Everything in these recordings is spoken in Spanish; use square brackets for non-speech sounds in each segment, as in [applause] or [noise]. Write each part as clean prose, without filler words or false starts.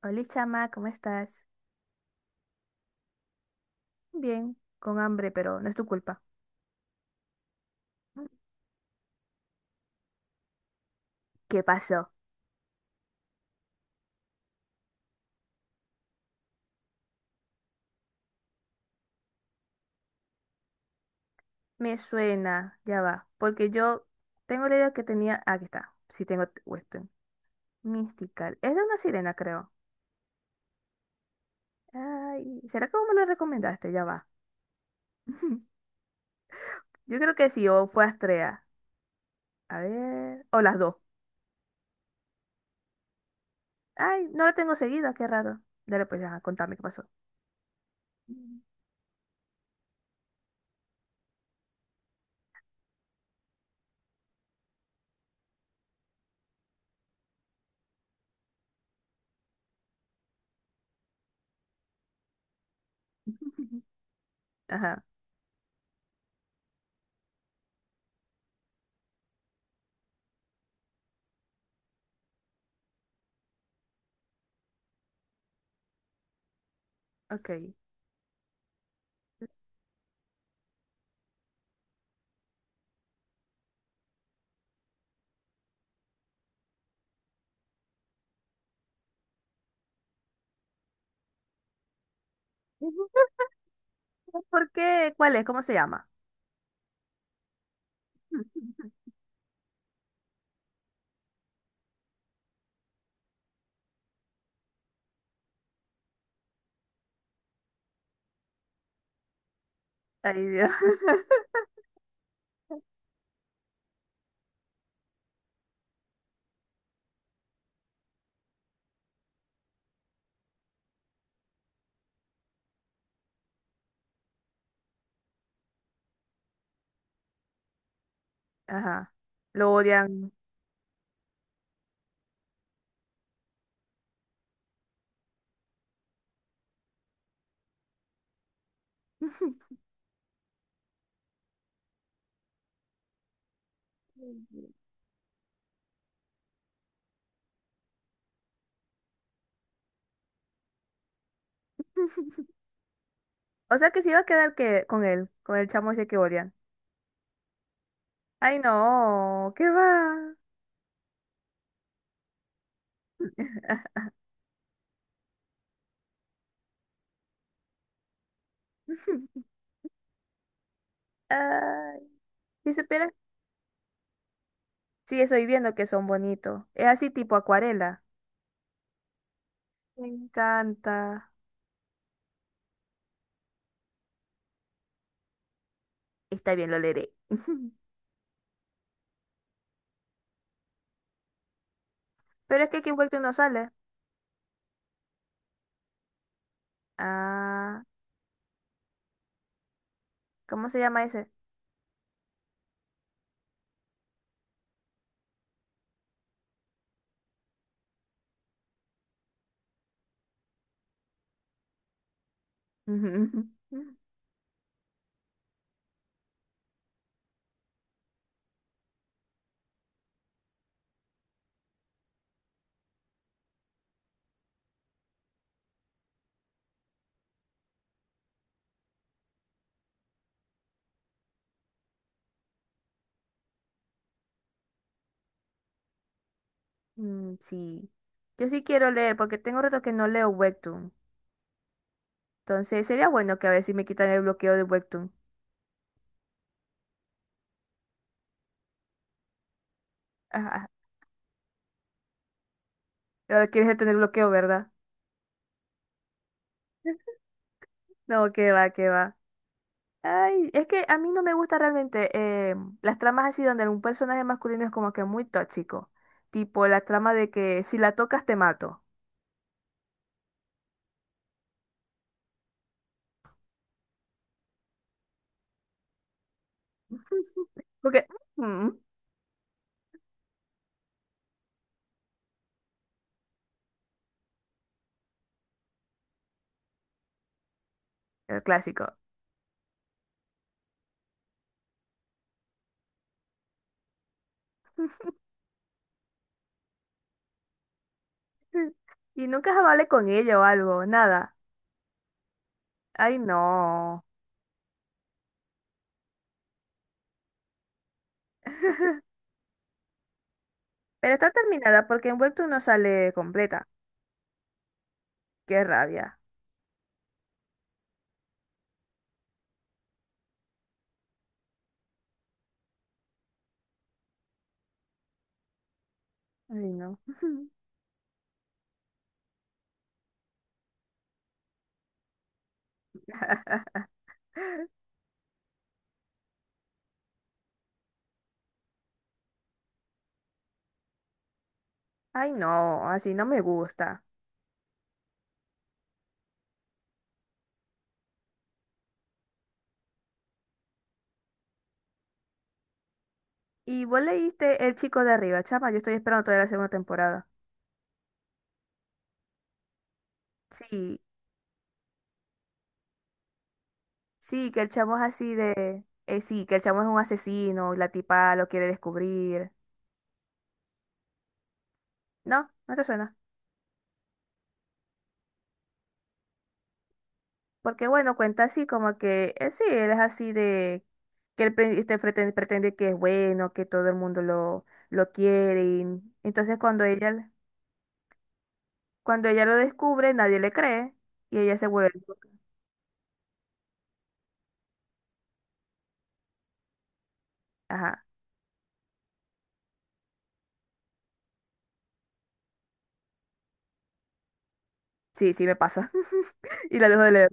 Hola, chama, ¿cómo estás? Bien, con hambre, pero no es tu culpa. ¿Qué pasó? Me suena, ya va, porque yo tengo la idea que tenía. Aquí está, sí tengo Weston. Mystical. Es de una sirena, creo. Ay, ¿será que vos me lo recomendaste? Ya va. [laughs] Yo creo que sí, o fue Astrea. A ver, o las dos. Ay, no la tengo seguida, qué raro. Dale, pues, ajá, contame qué pasó. [laughs] Ajá, ok. [laughs] ¿Por qué? ¿Cuál es? ¿Cómo se llama? [laughs] Ay, Dios. Ajá. Lo odian. [laughs] O sea que se iba a quedar que con él, con el chamo ese que odian. Ay, no, ¿qué va? [laughs] Ay, si supieras, sí, estoy viendo que son bonitos. Es así tipo acuarela. Me encanta. Está bien, lo leeré. [laughs] Pero es que Kim Wilde no sale. Ah, ¿cómo se llama ese? [laughs] Mm, sí. Yo sí quiero leer porque tengo rato que no leo Webtoon. Entonces sería bueno que a ver si me quitan el bloqueo de Webtoon. Ajá. Ahora quieres tener bloqueo, ¿verdad? No, que va, que va. Ay, es que a mí no me gusta realmente eh, las tramas así donde un personaje masculino es como que muy tóxico. Tipo la trama de que si la tocas te mato. [laughs] Porque, mm, el clásico. [laughs] Y nunca se vale con ella o algo, nada. Ay, no. [laughs] Pero está terminada porque en Webtoon no sale completa. Qué rabia. Ay, no. [laughs] Ay, no, así no me gusta. Y vos leíste El chico de arriba, chama. Yo estoy esperando todavía la segunda temporada. Sí, sí, que el chamo es así de. Sí, que el chamo es un asesino y la tipa lo quiere descubrir. No, no te suena. Porque bueno, cuenta así como que. Sí, él es así de. Que él pretende, pretende que es bueno, que todo el mundo lo quiere. Y entonces cuando ella lo descubre, nadie le cree y ella se vuelve. Loca. Ajá. Sí, sí, me pasa. [laughs] Y la dejo de leer.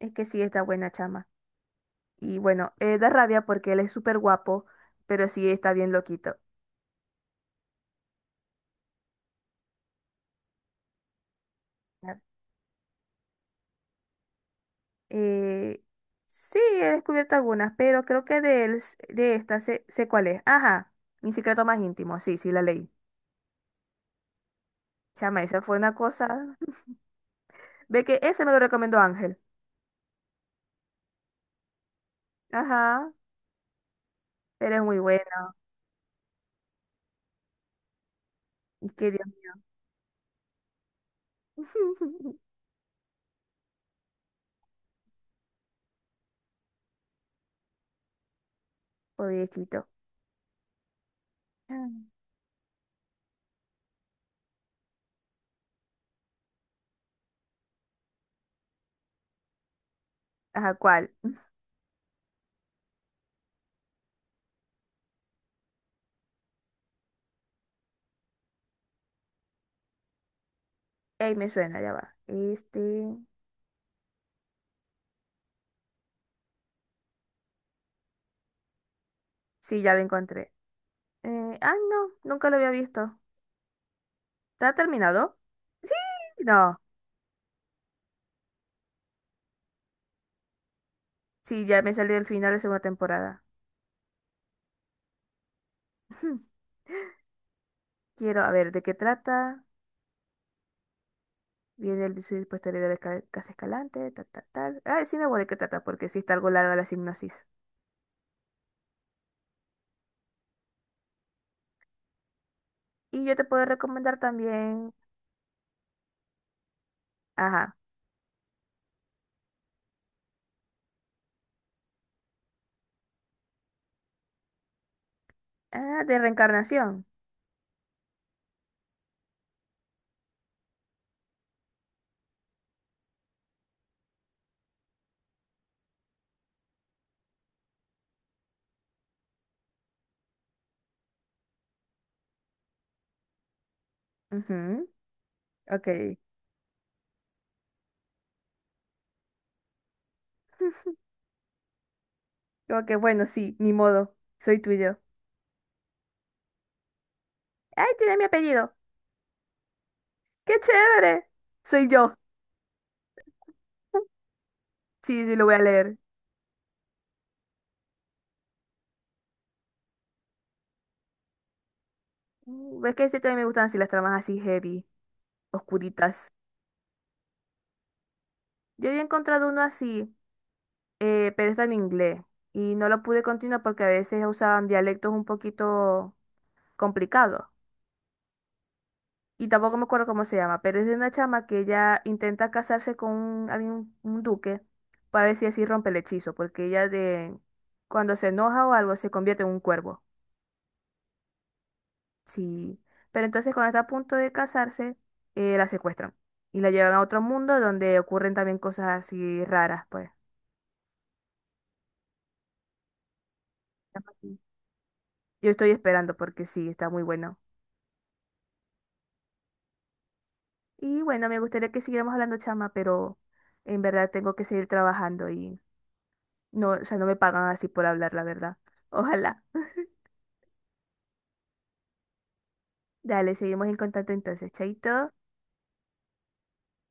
Es que sí, está buena, chama. Y bueno, da rabia porque él es súper guapo, pero sí está bien loquito. Eh, sí, he descubierto algunas, pero creo que de, de esta sé, sé cuál es. Ajá, mi secreto más íntimo. Sí, sí, la leí. Chama, esa fue una cosa. [laughs] Ve que ese me lo recomendó Ángel. Ajá, pero es muy buena. Qué Dios. [laughs] Pobrecito. Ajá, ¿cuál? Ey, me suena, ya va. Este. Sí, ya lo encontré. No, nunca lo había visto. ¿Está terminado? Sí, no. Sí, ya me salí del final de segunda temporada. [laughs] Quiero, a ver, ¿de qué trata? Viene el suicidio posterior de Casa Escalante, tal, tal, tal. Ah, sí me voy de qué trata, porque sí está algo larga la sinopsis. Y yo te puedo recomendar también, ajá, ah, de reencarnación. Ujú, ok. [laughs] Como que bueno, sí, ni modo, soy tuyo. ¡Ay, tiene mi apellido! ¡Qué chévere! Soy yo. [laughs] Sí, sí, lo voy a leer. Mm, es que este también me gustan así las tramas así heavy, oscuritas. Yo había encontrado uno así, pero está en inglés y no lo pude continuar porque a veces usaban dialectos un poquito complicados. Y tampoco me acuerdo cómo se llama, pero es de una chama que ella intenta casarse con un, un duque para ver si así rompe el hechizo, porque ella de cuando se enoja o algo se convierte en un cuervo. Sí, pero entonces cuando está a punto de casarse, la secuestran y la llevan a otro mundo donde ocurren también cosas así raras, pues. Llama así. Yo estoy esperando porque sí, está muy bueno. Y bueno, me gustaría que siguiéramos hablando, chama, pero en verdad tengo que seguir trabajando y no, o sea, no me pagan así por hablar, la verdad. Ojalá. Dale, seguimos en contacto entonces, chaito.